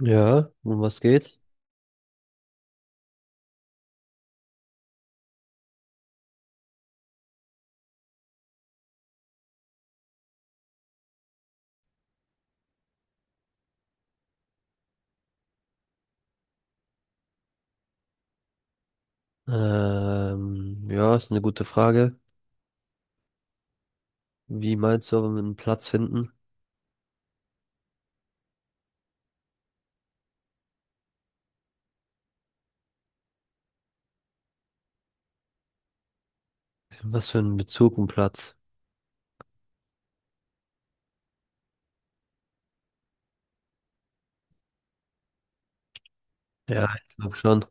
Ja, um was geht's? Ja, ist eine gute Frage. Wie meinst du, aber mit einem Platz finden? Was für einen Bezug ein Platz? Ja, ich glaube schon.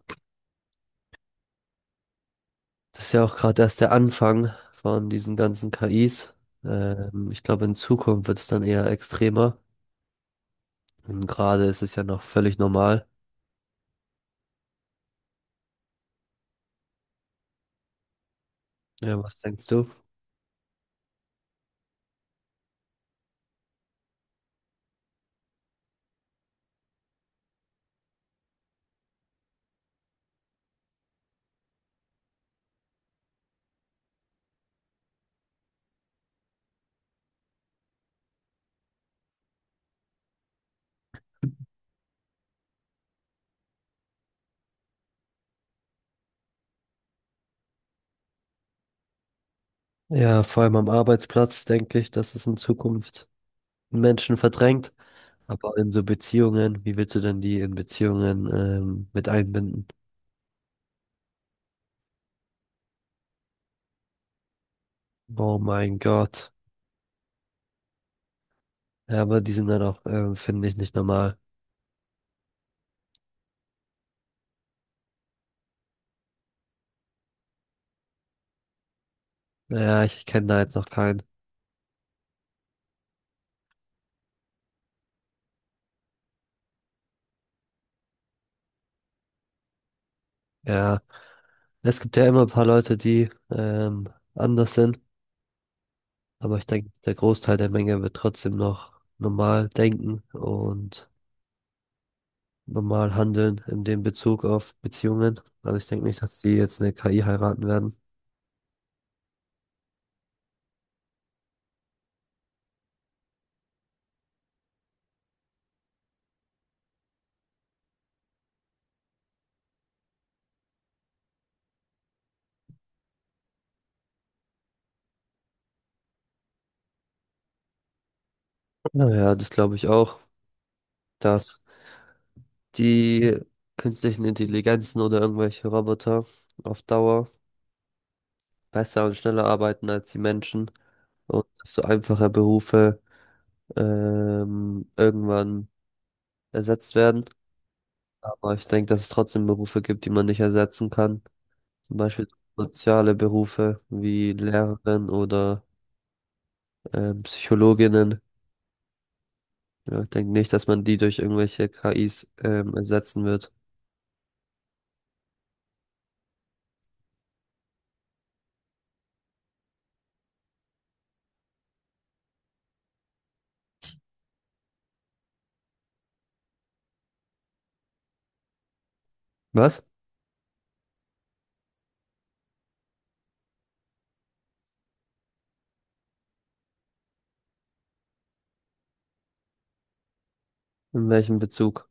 Das ist ja auch gerade erst der Anfang von diesen ganzen KIs. Ich glaube, in Zukunft wird es dann eher extremer. Und gerade ist es ja noch völlig normal. Ja, was denkst du? Ja, vor allem am Arbeitsplatz denke ich, dass es in Zukunft Menschen verdrängt. Aber in so Beziehungen, wie willst du denn die in Beziehungen, mit einbinden? Oh mein Gott. Ja, aber die sind dann auch, finde ich, nicht normal. Ja, ich kenne da jetzt noch keinen. Ja, es gibt ja immer ein paar Leute, die anders sind, aber ich denke, der Großteil der Menge wird trotzdem noch normal denken und normal handeln in dem Bezug auf Beziehungen. Also ich denke nicht, dass die jetzt eine KI heiraten werden. Naja, das glaube ich auch, dass die künstlichen Intelligenzen oder irgendwelche Roboter auf Dauer besser und schneller arbeiten als die Menschen und dass so einfache Berufe irgendwann ersetzt werden. Aber ich denke, dass es trotzdem Berufe gibt, die man nicht ersetzen kann. Zum Beispiel soziale Berufe wie Lehrerin oder Psychologinnen. Ja, ich denke nicht, dass man die durch irgendwelche KIs ersetzen wird. Was? In welchem Bezug?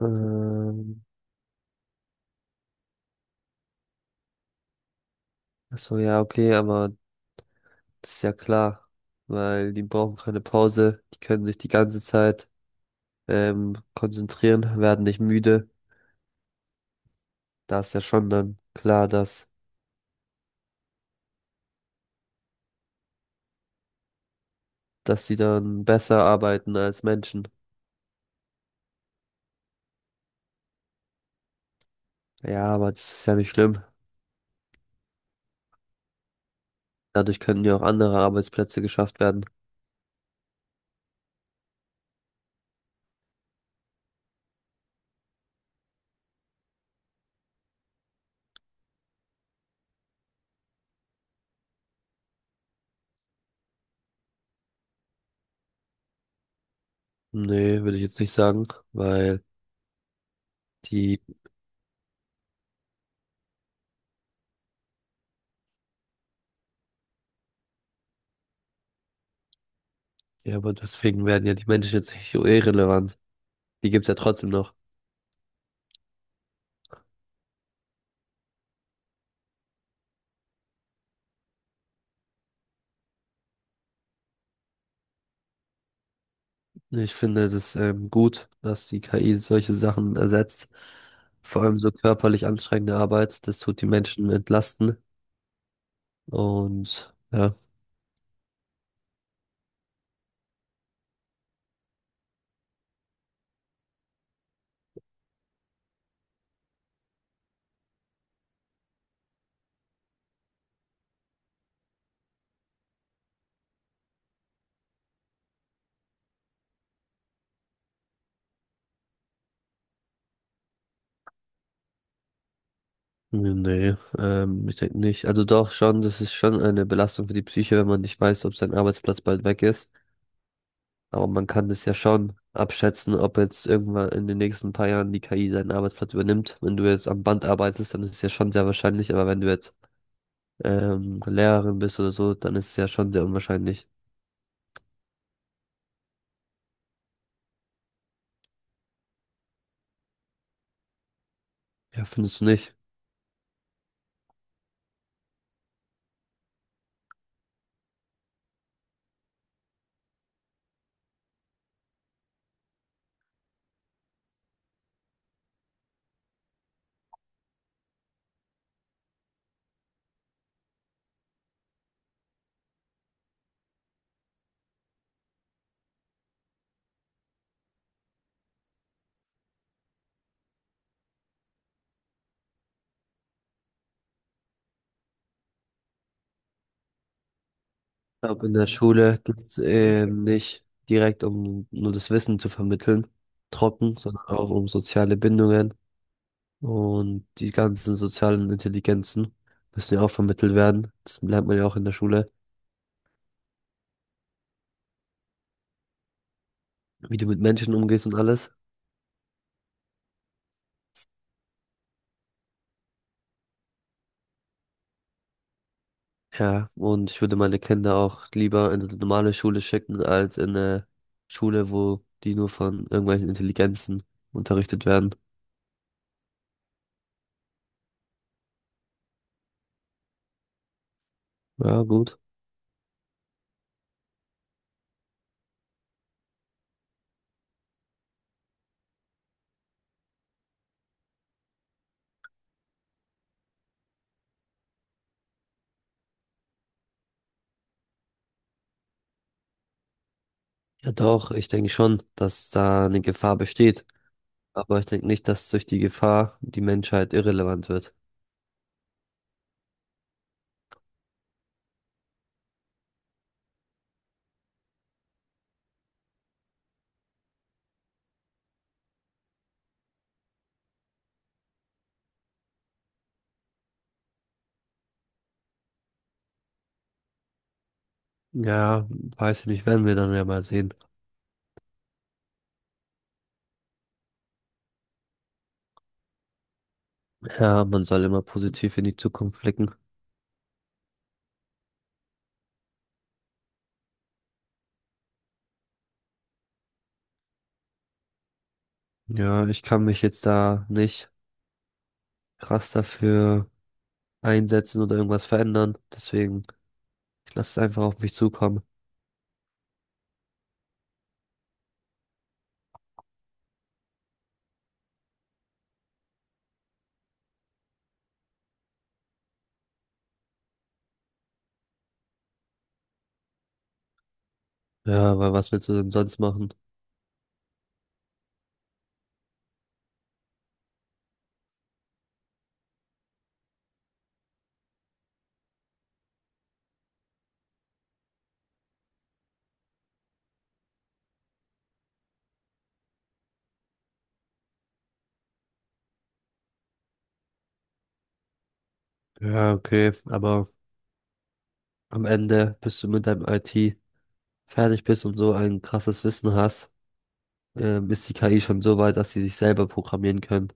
Ähm, ach so, ja, okay, aber das ist ja klar, weil die brauchen keine Pause, die können sich die ganze Zeit konzentrieren, werden nicht müde. Da ist ja schon dann klar, dass, dass sie dann besser arbeiten als Menschen. Ja, aber das ist ja nicht schlimm. Dadurch könnten ja auch andere Arbeitsplätze geschafft werden. Nee, würde ich jetzt nicht sagen, weil die, ja, aber deswegen werden ja die Menschen jetzt nicht so irrelevant. Die gibt's ja trotzdem noch. Ich finde das gut, dass die KI solche Sachen ersetzt. Vor allem so körperlich anstrengende Arbeit, das tut die Menschen entlasten und ja. Nee, ich denke nicht. Also doch schon, das ist schon eine Belastung für die Psyche, wenn man nicht weiß, ob sein Arbeitsplatz bald weg ist. Aber man kann das ja schon abschätzen, ob jetzt irgendwann in den nächsten paar Jahren die KI seinen Arbeitsplatz übernimmt. Wenn du jetzt am Band arbeitest, dann ist es ja schon sehr wahrscheinlich. Aber wenn du jetzt Lehrerin bist oder so, dann ist es ja schon sehr unwahrscheinlich. Ja, findest du nicht? Ich glaube, in der Schule geht es nicht direkt um nur das Wissen zu vermitteln, trocken, sondern auch um soziale Bindungen. Und die ganzen sozialen Intelligenzen müssen ja auch vermittelt werden. Das lernt man ja auch in der Schule, wie du mit Menschen umgehst und alles. Ja, und ich würde meine Kinder auch lieber in eine normale Schule schicken, als in eine Schule, wo die nur von irgendwelchen Intelligenzen unterrichtet werden. Ja, gut. Ja, doch, ich denke schon, dass da eine Gefahr besteht. Aber ich denke nicht, dass durch die Gefahr die Menschheit irrelevant wird. Ja, weiß ich nicht, werden wir dann ja mal sehen. Ja, man soll immer positiv in die Zukunft blicken. Ja, ich kann mich jetzt da nicht krass dafür einsetzen oder irgendwas verändern. Deswegen, ich lasse es einfach auf mich zukommen. Ja, weil was willst du denn sonst machen? Ja, okay, aber am Ende, bis du mit deinem IT fertig bist und so ein krasses Wissen hast, ist die KI schon so weit, dass sie sich selber programmieren können.